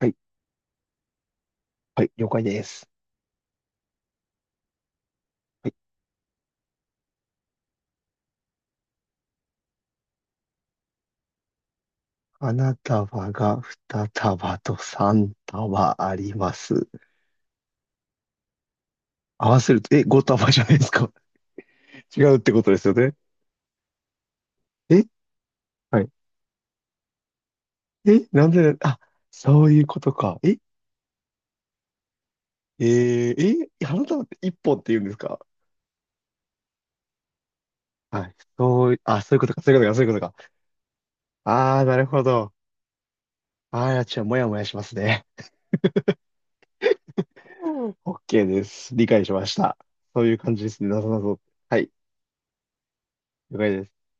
はい、はい、了解です。はい、花束が2束と3束あります。合わせると、5束じゃないですか。違うってことですよね。え、はい。え、なんで、あ、そういうことか。え、花束って1本って言うんですか？はい、あ、そういうことか、そういうことか、そういうことか。あー、なるほど。あー、もやもやしますね。OK です。理解しました。そういう感じですね。なぞなぞ。はい、了解です。はい、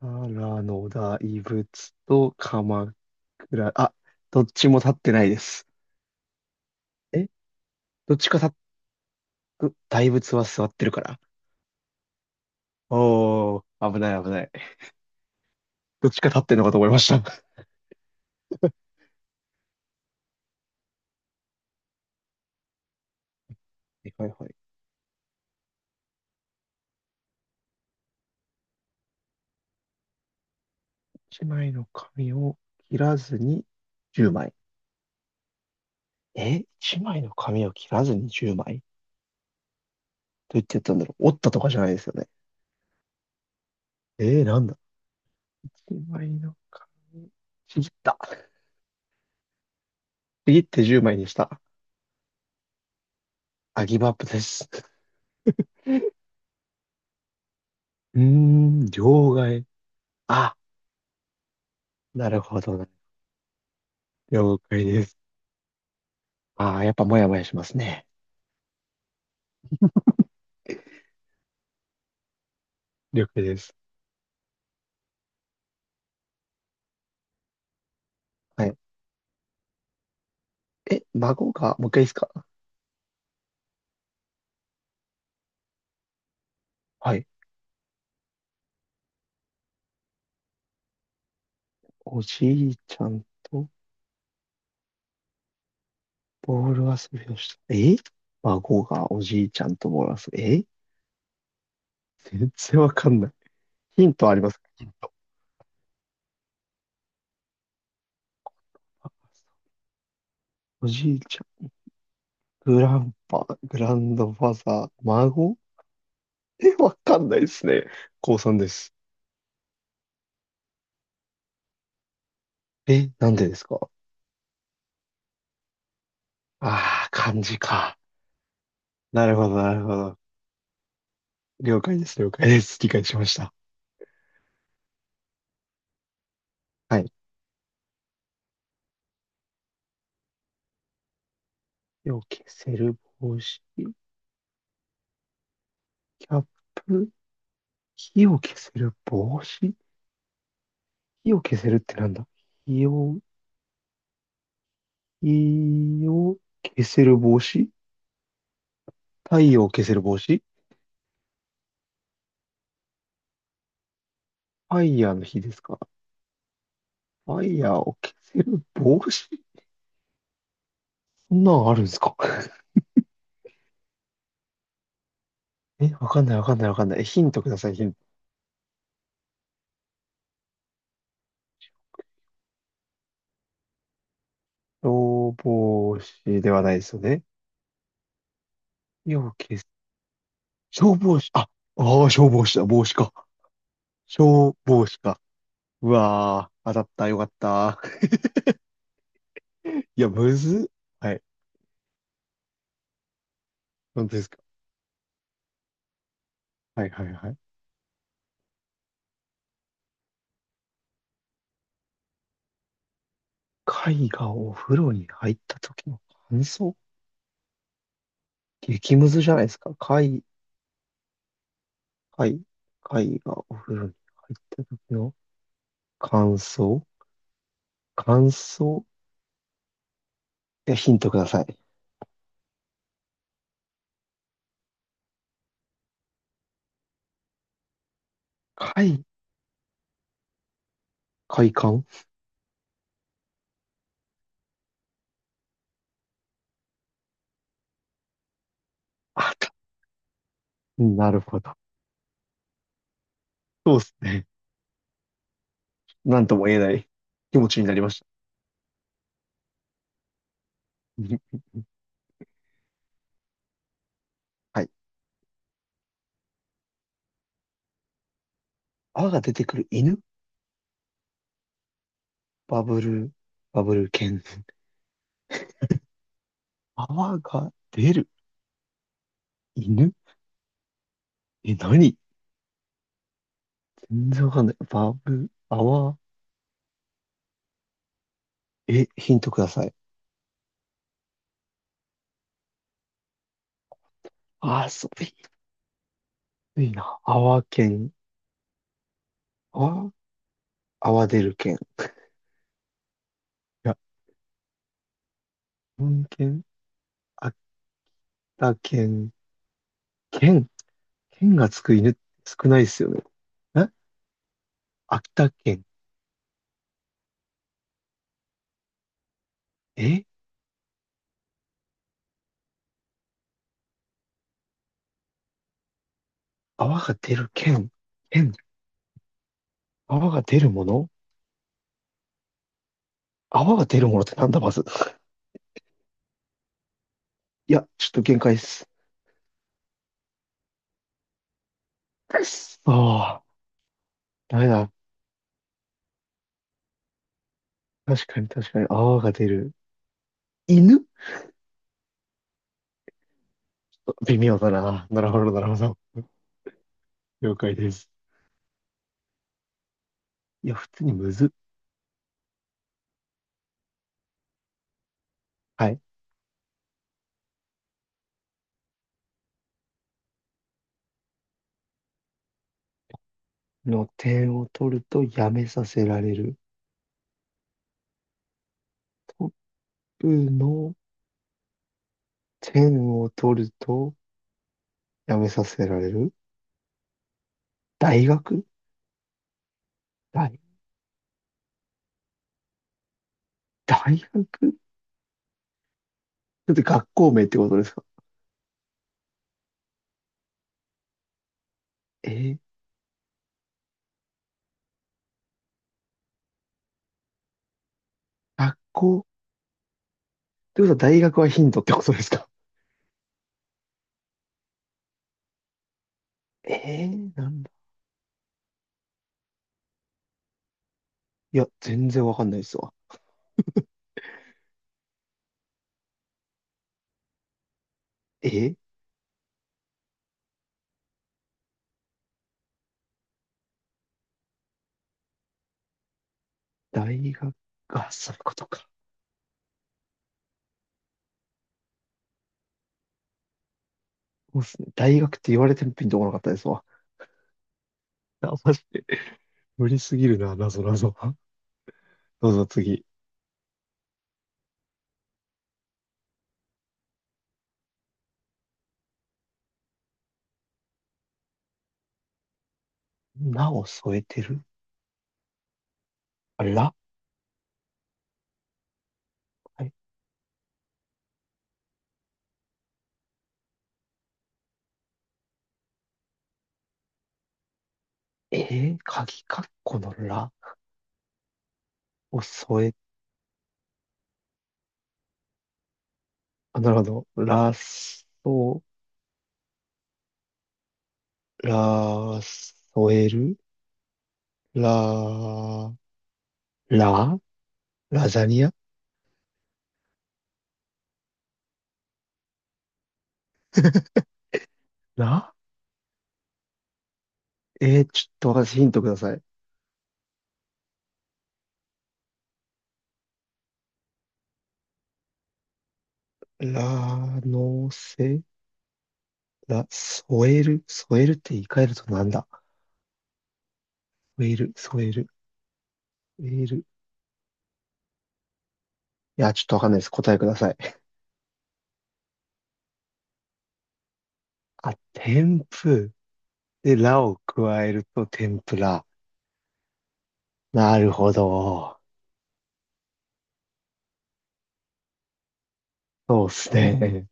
奈良の大仏と鎌倉、あ、どっちも立ってないです。えどっちか立っ、大仏は座ってるから。おー、危ない危ない。どっちか立ってんのかと思いました。はいはいはい。一枚の紙を切らずに10枚。一枚の紙を切らずに10枚、どうやってやったんだろう。折ったとかじゃないですよね。なんだ。一枚の紙。ちぎった。ちぎって10枚にした。アギブアップです。うーん、両替。あ、なるほど。了解です。ああ、やっぱもやもやしますね。了解です。はい。え、孫が、もう一回いいですか？はい。おじいちゃんとボール遊びをした。孫がおじいちゃんとボール遊び。全然わかんない。ヒントありますか？ヒント。おじいちゃん、グランパ、グランドファザー、孫。わかんないですね。高3です。え、なんでですか？ああー、漢字か。なるほど、なるほど。了解です、了解です。理解しました。はい。火を消せる帽子、キャップ、火を消せる帽子、火を消せるってなんだ。火を、火を消せる帽子。太陽を消せる帽子。ファイヤーの火ですか？ファイヤーを消せる帽子。そんなんあるんですか？ え、わかんないわかんないわかんない。ヒントください、ヒント。消防士ではないですよね。火を消す。消防士。あ、ああ、消防士だ。帽子か。消防士か。うわー、当たった、よかった。いや、むずっ。はい。本当ですか？はいはいはい。貝がお風呂に入った時の感想。激ムズじゃないですか。貝、貝、貝がお風呂に入った時の感想。感想。ヒントください。貝、快感。あた、なるほど。そうですね。なんとも言えない気持ちになりました。はい。泡が出てくる犬。バブル、バブル犬。泡が出る。犬。何？全然わかんない。バブ、アワ、え、ヒントください。あー、そう、えいいな。アワ県、アワ、アワ出る県。いや、本県、秋田県、県、県がつく犬って少ないですよね。え秋田県。え泡が出る県、県、泡が出るもの。泡が出るものってなんだ、まず。いや、ちょっと限界っす。ああ、ダメだ。確かに確かに泡が出る。犬。微妙だな。なるほど、なるほど。了解です。いや、普通にむずっ。はい。の点を取るとやめさせられる。トップの点を取るとやめさせられる。大学。大、大学、ちょっと学校名ってことですか？えー、学校ってことは大学はヒントってことですか？なんだ。いや、全然わかんないですわ。えー、大学、あ、そういうことか。そうっすね。大学って言われてもピンとこなかったですわ。あ、マジで無理すぎるな、なぞなぞ。どうぞ次。なを添えてる。あ、ら。はい。鍵かっこのらを添え、あ、なるほど。ら、ら、添える、ら、ら、ラザニア、ら。ちょっと私ヒントください。ら、ら、添える、添えるって言い換えるとなんだ。添える、添える、添える。いや、ちょっとわかんないです。答えください。あ、天ぷ。で、らを加えると天ぷら。なるほど。そうですね。